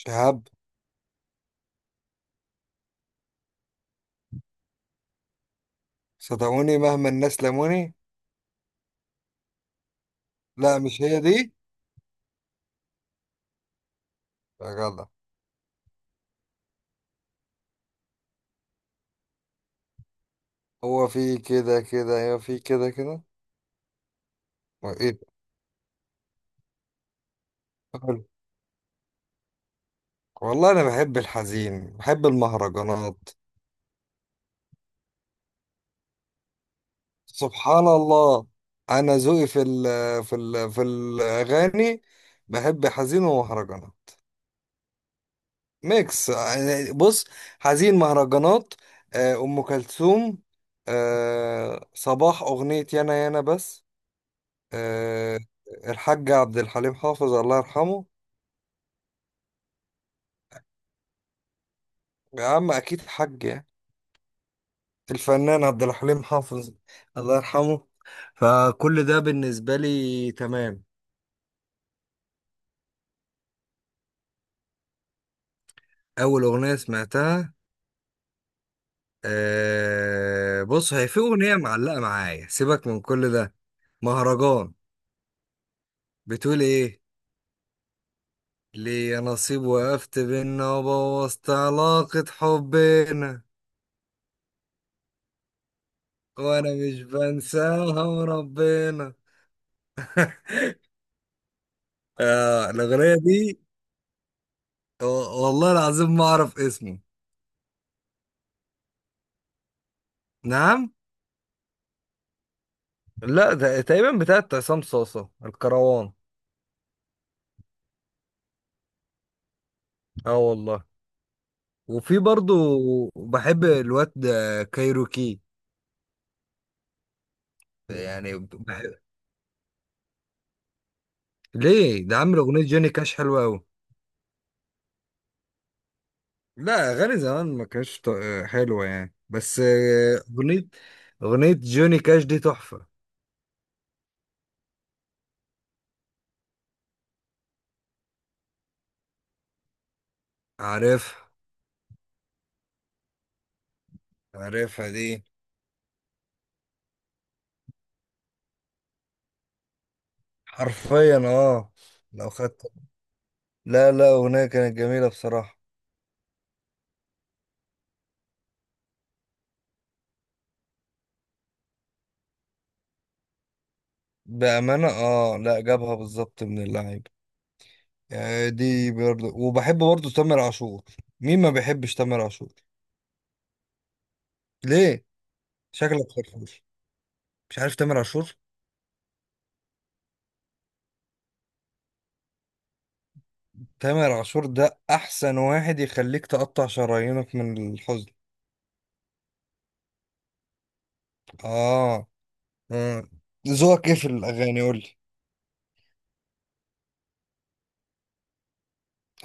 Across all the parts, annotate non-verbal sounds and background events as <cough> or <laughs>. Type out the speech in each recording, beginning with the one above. شهاب. صدقوني مهما الناس لموني. لا مش هي دي. يا جدع. هو في كده كده. هو ايه ده؟ قول. والله انا بحب الحزين بحب المهرجانات. سبحان الله. انا ذوقي في الاغاني. بحب حزين ومهرجانات. ميكس يعني بص. حزين مهرجانات. ام كلثوم. صباح اغنية يانا يانا بس. آه، الحاج عبد الحليم حافظ الله يرحمه. يا عم اكيد حاج يعني. الفنان عبد الحليم حافظ الله يرحمه. فكل ده بالنسبة لي تمام. اول اغنية سمعتها. بص هي في اغنية معلقة معايا سيبك من كل ده. مهرجان. بتقول ايه؟ ليا نصيب وقفت بينا وبوظت علاقة حبنا. وانا مش بنساها وربنا. آه الأغنية دي. و- والله العظيم ما اعرف اسمه. نعم. لا ده تقريبا بتاعت عصام صاصة الكروان. اه والله. وفي برضو بحب الواد ده كايروكي. يعني بحب. ليه ده عامل اغنية جوني كاش حلوة قوي. لا اغاني زمان ما كانتش حلوة يعني بس اغنية جوني كاش دي تحفة. عارفها. عارفها دي. حرفيا اه. لو خدت. لا لا اغنية كانت جميلة بصراحة. بأمانة اه لا جابها بالظبط من اللعيبة. يعني دي برضه وبحب برضه تامر عاشور. مين ما بيحبش تامر عاشور؟ ليه؟ شكلك فرفوش. مش عارف تامر عاشور. تامر عاشور ده احسن واحد يخليك تقطع شرايينك من الحزن. اه آه. ذوقك ايه في الاغاني؟ قول لي.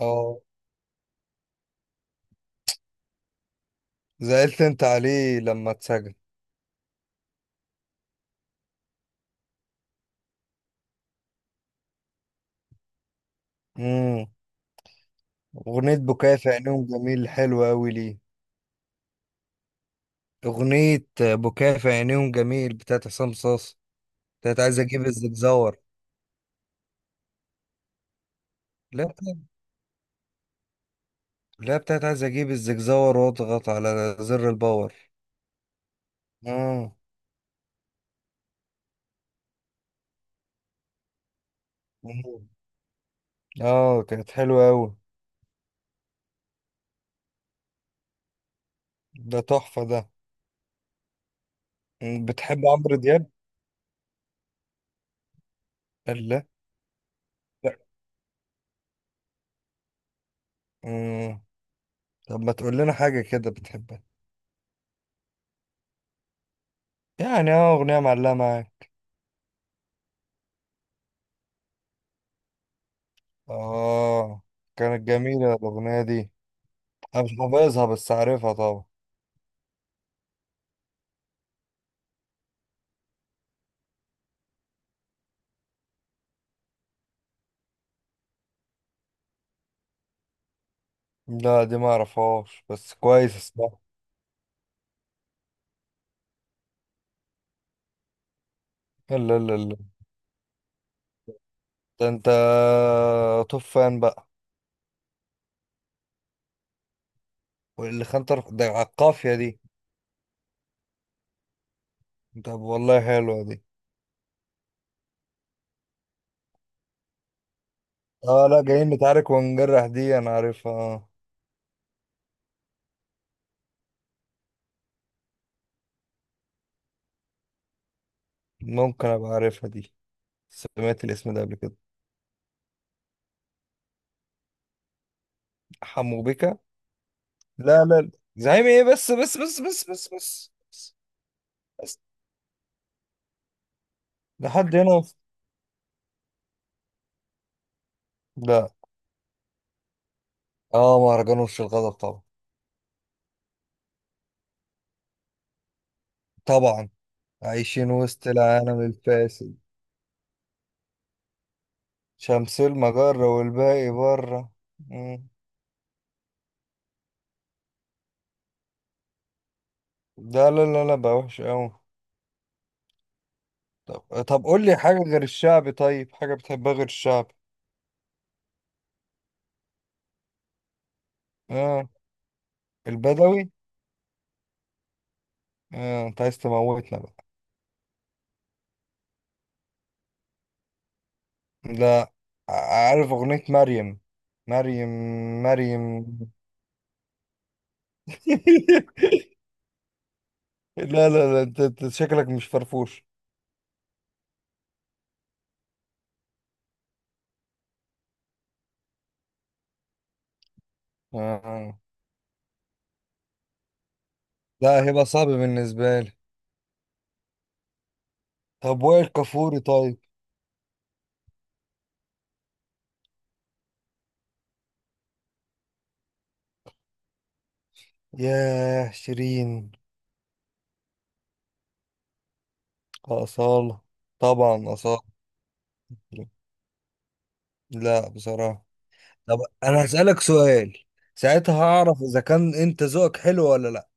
اه. زعلت انت عليه لما اتسجن. امم اغنية بكاء في عينيهم جميل حلوة اوي ليه. اغنية بكاء في عينيهم جميل بتاعت عصام صاصا. بتاعت عايز اجيب الزجزور. لا بتاعت. لا بتاعت عايز اجيب الزجزور واضغط على زر الباور. اه. مم. اه كانت حلوة اوي. ده تحفة ده. مم. بتحب عمرو دياب؟ قال لا. لا. مم. طب ما تقول لنا حاجة كده بتحبها. يعني اه اغنية معلقة معاك. اه كانت جميلة الاغنية دي. انا مش حافظها بس عارفها طبعا. لا دي ما اعرفهاش بس كويس اسمها. لا لا لا. ده انت. طوب فان بقى. واللي خان طرف ده على القافية دي. طب والله حلوة دي. اه لا جايين نتعارك ونجرح دي انا عارفها آه. ممكن ابقى عارفها دي. سمعت الاسم ده قبل كده. حمو بيكا. لا لا لا. زعيم ايه بس بس بس بس بس بس بس، بس. لحد هنا. لا. اه مهرجان وش الغضب طبعا. طبعا. عايشين وسط العالم الفاسد. شمس المجرة والباقي بره. مم. ده لا لا لا بقى وحش قوي. طب طب قول لي حاجة غير الشعبي طيب حاجة بتحبها غير الشعب. اه. البدوي. اه انت عايز تموتنا بقى. لا. ع- عارف اغنية مريم. مريم. مريم. <laughs> لا لا لا انت شكلك مش فرفوش. آه. اه. لا هيبقى صعب بالنسبة لي. طب وائل كفوري طيب. ياه شيرين. أصالة. طبعا أصالة. لا بصراحة. طب أنا هسألك سؤال. ساعتها هعرف إذا كان أنت ذوقك حلو ولا لا.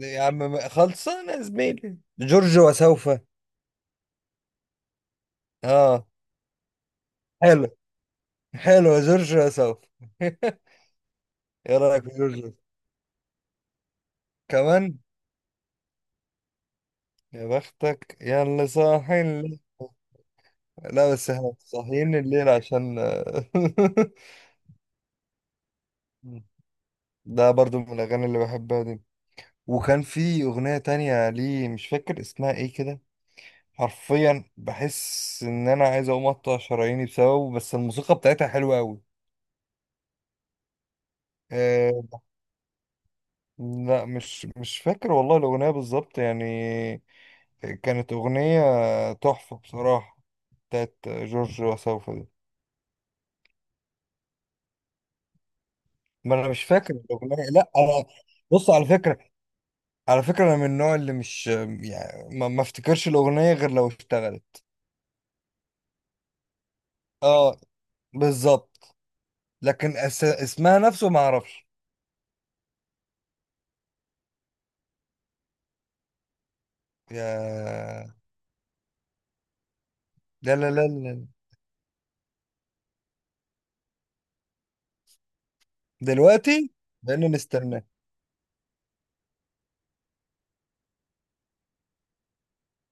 يا عم خلصانة يا زميلي جورج وسوف. اه. حلو. حلو جورج وسوف. <laughs> ايه رايك في جورج وسوف؟ كمان. يا بختك يا اللي صاحي الليل. لا بس احنا صاحيين الليل عشان. <laughs> ده برضو من الاغاني اللي بحبها دي. وكان في اغنيه تانية ليه مش فاكر اسمها ايه كده. حرفيا بحس ان انا عايز اقوم اقطع شراييني بسببه بس الموسيقى بتاعتها حلوه قوي. آه. لا مش فاكر والله الاغنيه بالظبط يعني. كانت أغنية تحفة بصراحة بتاعت جورج وسوف دي. ما أنا مش فاكر الأغنية لا أنا. بص على فكرة. على فكرة أنا من النوع اللي مش يعني ما افتكرش الأغنية غير لو اشتغلت. اه بالظبط. لكن اسمها نفسه ما أعرفش. يا. لا لا لا لا. دلوقتي بقينا نستناه.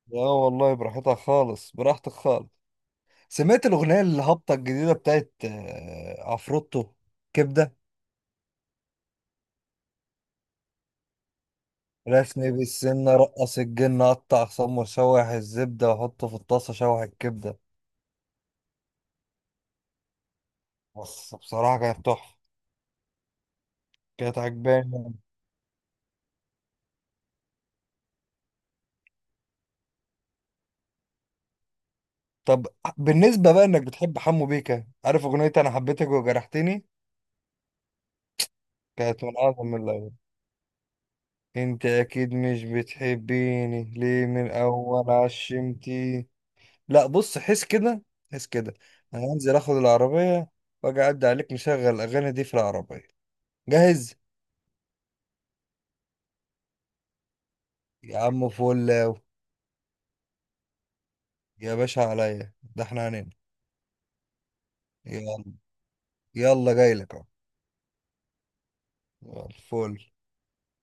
لا والله براحتها خالص براحتك خالص. سمعت الأغنية الهابطة الجديدة بتاعت عفروتو كبدة. رشني بالسنة رقص الجن قطع سمر شوح الزبدة وحطه في الطاسة شوح الكبدة. بس بصراحة كانت تحفة. كانت عجباني. طب بالنسبة بقى انك بتحب حمو بيكا عارف اغنية انا حبيتك وجرحتني. كانت من اعظم من الاول. انت اكيد مش بتحبيني ليه من اول عشمتي. لا بص حس كده. حس كده. انا هنزل اخد العربية. واجي اعدي عليك مشغل الاغاني دي في العربية. جاهز. يا عم فول. يا باشا عليا ده احنا هننام. يلا. يلا جاي لك اهو. يلا فول.